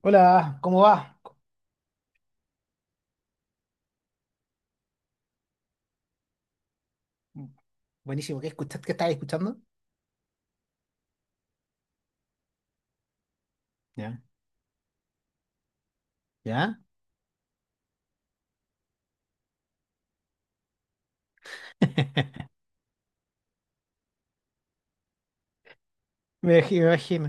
Hola, ¿cómo va? Buenísimo, ¿qué escuchas? ¿Qué estabas escuchando? Ya, ya. Me imagino.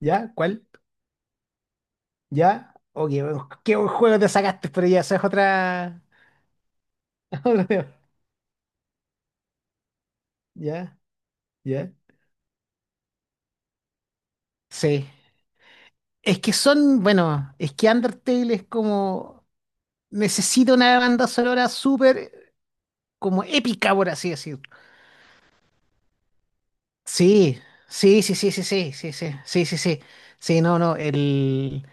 ¿Ya? ¿Cuál? ¿Ya? Oh, qué buen juego te sacaste, pero ya, esa es otra. Otro tema. ¿Ya? ¿Ya? Sí. Es que son, bueno, es que Undertale es como. Necesita una banda sonora súper, como épica, por así decirlo. Sí, sí, sí, sí, sí, sí, sí, sí, sí, sí, sí. Sí, sí, no, no, el.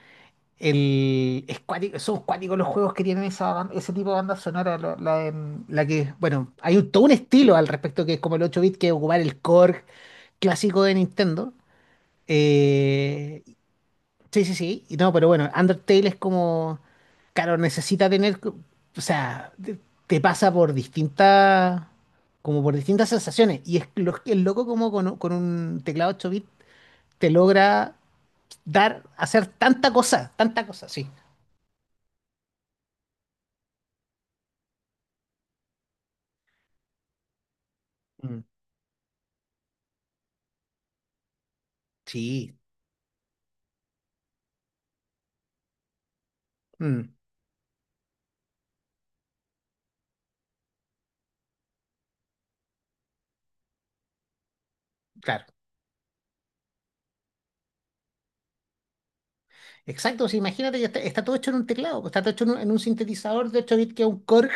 Son cuáticos los juegos que tienen ese tipo de banda sonora, la que, bueno, todo un estilo al respecto que es como el ocho bit que ocupar el core clásico de Nintendo. Eh, sí, sí, sí, y no, pero bueno, Undertale es como, claro, necesita tener, o sea, te, pasa por distintas, como por distintas sensaciones, y es lo, el loco como con un teclado ocho bit te logra dar, hacer tanta cosa, sí. Mm. Sí, mm, claro. Exacto, sí, imagínate, ya está, está todo hecho en un teclado, está todo hecho en un sintetizador de 8 bits que es un Korg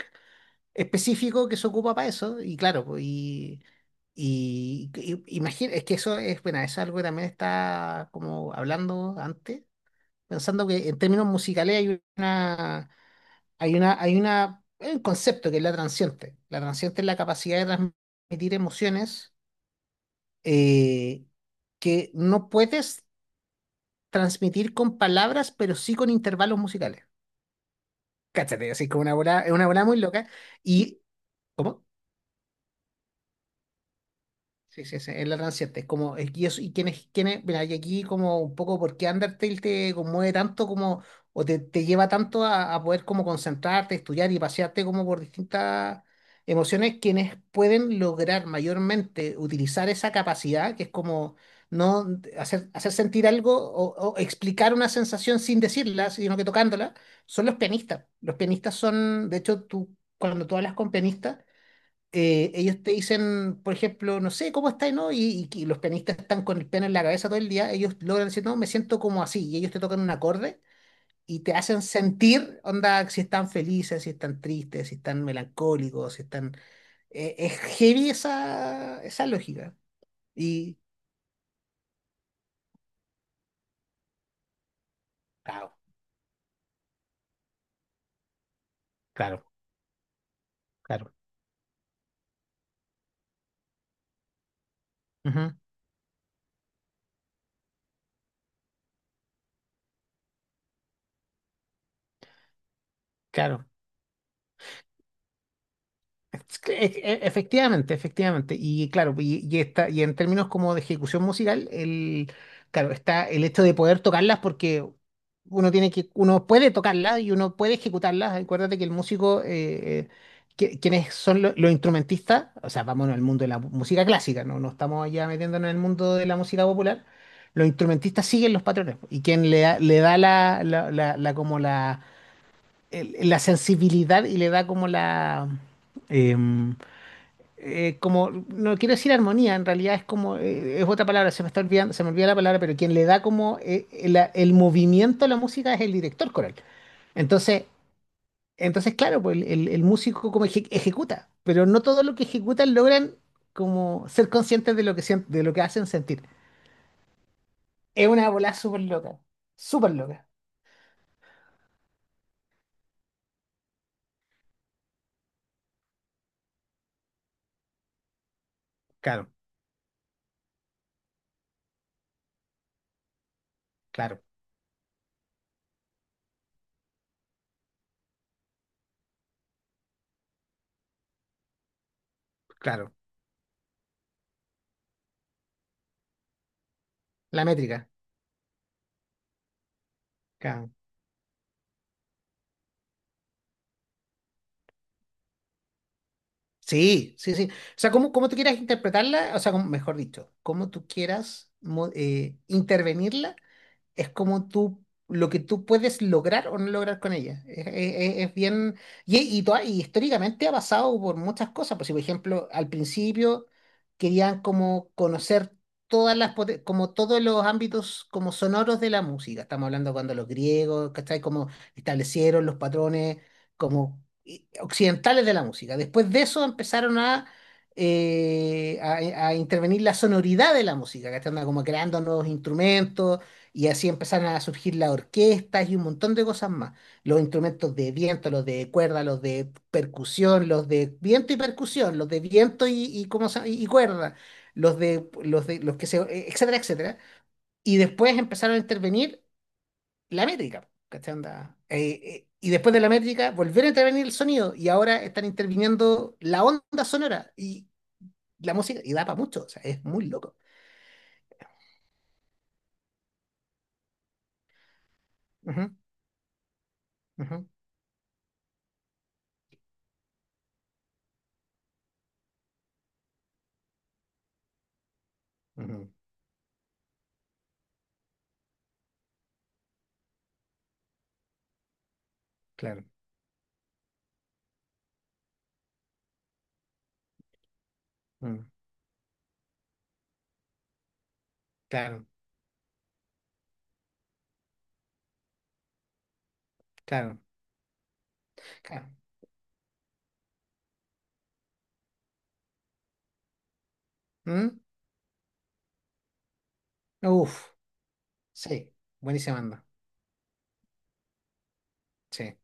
específico que se ocupa para eso, y claro, pues, imagina, es que eso es, bueno, eso es algo que también está como hablando antes, pensando que en términos musicales hay un concepto que es la transiente. La transiente es la capacidad de transmitir emociones, eh, que no puedes transmitir con palabras, pero sí con intervalos musicales. Cáchate, así como una bola, es una bola muy loca. Y, ¿cómo? Sí, sí, sí, es la ranciente. Es como, y, eso, y mira, y aquí como un poco por qué Undertale te conmueve tanto como, o te, lleva tanto a poder como concentrarte, estudiar y pasearte como por distintas emociones, quienes pueden lograr mayormente utilizar esa capacidad, que es como no hacer sentir algo o explicar una sensación sin decirla, sino que tocándola, son los pianistas. Los pianistas son, de hecho, tú, cuando tú hablas con pianistas, ellos te dicen, por ejemplo, no sé, ¿cómo estás, no? Y los pianistas están con el piano en la cabeza todo el día, ellos logran decir, no, me siento como así, y ellos te tocan un acorde y te hacen sentir, onda, si están felices, si están tristes, si están melancólicos, si están... es heavy esa lógica. Y claro, claro, claro. Ujú, claro, Es que- e- e- efectivamente, efectivamente. Y claro, y está, y en términos como de ejecución musical, claro, está el hecho de poder tocarlas porque uno puede tocarlas y uno puede ejecutarlas. Acuérdate que el músico, quienes son los instrumentistas, o sea, vámonos al mundo de la música clásica, no, no estamos allá metiéndonos en el mundo de la música popular. Los instrumentistas siguen los patrones y quien le da la sensibilidad y le da como la em, como, no quiero decir armonía, en realidad es como, es otra palabra, se me está olvidando, se me olvida la palabra, pero quien le da como, el movimiento a la música es el director coral. Entonces, claro, pues el músico como ejecuta, pero no todo lo que ejecutan logran como ser conscientes de lo que, de lo que hacen sentir. Es una bola súper loca, súper loca. Claro, claro, claro. La métrica. Claro. Sí, sí, sí. O sea, como tú quieras interpretarla, o sea, mejor dicho, como tú quieras intervenirla, es como tú, lo que tú puedes lograr o no lograr con ella. Es bien, y, y históricamente ha pasado por muchas cosas. Pues, si, por ejemplo, al principio querían como conocer todas como todos los ámbitos como sonoros de la música. Estamos hablando cuando los griegos, ¿cachai? Como establecieron los patrones occidentales de la música. Después de eso empezaron a... a intervenir la sonoridad de la música, ¿cachai? Anda como creando nuevos instrumentos, y así empezaron a surgir las orquestas y un montón de cosas más. Los instrumentos de viento, los de cuerda, los de percusión, los de viento y percusión, los de viento y, ¿cómo se llama? Y cuerda, los de los que se, etcétera, etcétera. Y después empezaron a intervenir la métrica, ¿cachai? Onda, y después de la métrica volvieron a intervenir el sonido y ahora están interviniendo la onda sonora y la música, y da para mucho, o sea, es muy loco. Ujú, ujú, ujú, claro, mm, claro, claro. Claro. ¿Mm? Uf, sí, buenísima onda. Sí,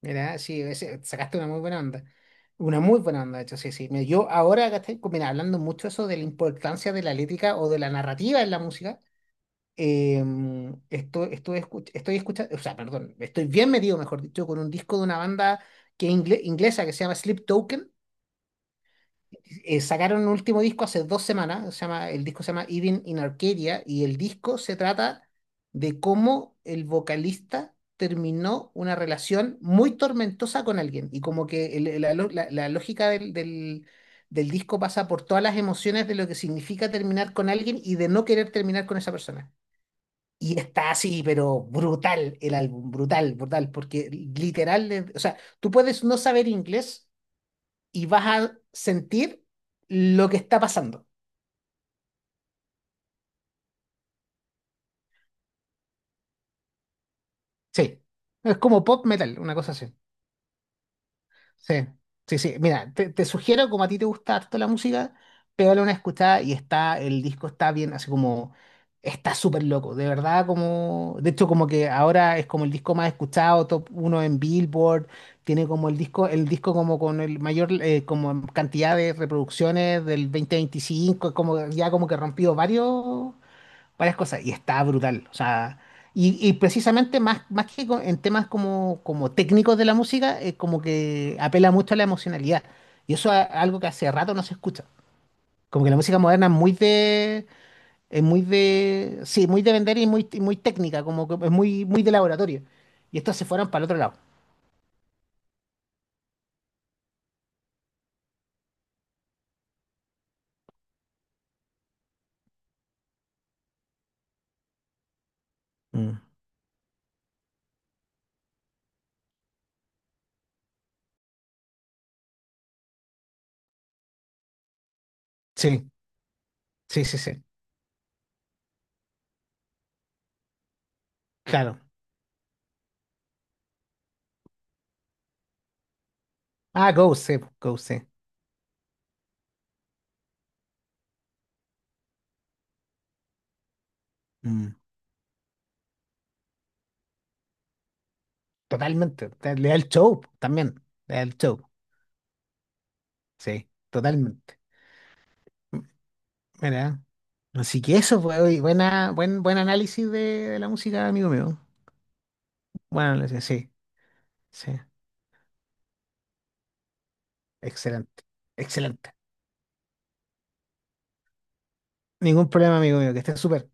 mira, sí, sacaste una muy buena onda. Una muy buena onda, de hecho, sí, sí. Mira, yo ahora acá estoy, mira, hablando mucho eso de la importancia de la lírica o de la narrativa en la música. Estoy escuchando, o sea, perdón, estoy bien metido, mejor dicho, con un disco de una banda inglesa que se llama Sleep Token. Sacaron un último disco hace dos semanas, el disco se llama Even in Arcadia, y el disco se trata de cómo el vocalista terminó una relación muy tormentosa con alguien, y como que la lógica del disco pasa por todas las emociones de lo que significa terminar con alguien y de no querer terminar con esa persona. Y está así, pero brutal el álbum, brutal, brutal, porque literal, o sea, tú puedes no saber inglés y vas a sentir lo que está pasando. Sí. Es como pop metal, una cosa así. Sí, sí, sí. Mira, te, sugiero, como a ti te gusta harto la música, pégale una escuchada y está, el disco está bien, así como, está súper loco, de verdad, como, de hecho, como que ahora es como el disco más escuchado, top uno en Billboard, tiene como el disco, como con el mayor, como cantidad de reproducciones del 2025, como ya como que rompió varios, varias cosas y está brutal. O sea, y precisamente más, más que en temas como, como técnicos de la música, es como que apela mucho a la emocionalidad. Y eso es algo que hace rato no se escucha. Como que la música moderna es muy de, sí, muy de vender muy técnica, como que es muy, muy de laboratorio. Y estos se fueron para el otro lado. Mm. Sí, sí, sí, sí. Claro. Ah, Ghost, sí, Ghost, sí. Mm. Totalmente. Le da el show también. Le da el show. Sí, totalmente. Mira. Así que eso fue hoy. Buena, buen, buen análisis de la música, amigo mío. Buen análisis, sí, sí. Excelente, excelente. Ningún problema, amigo mío, que estés súper.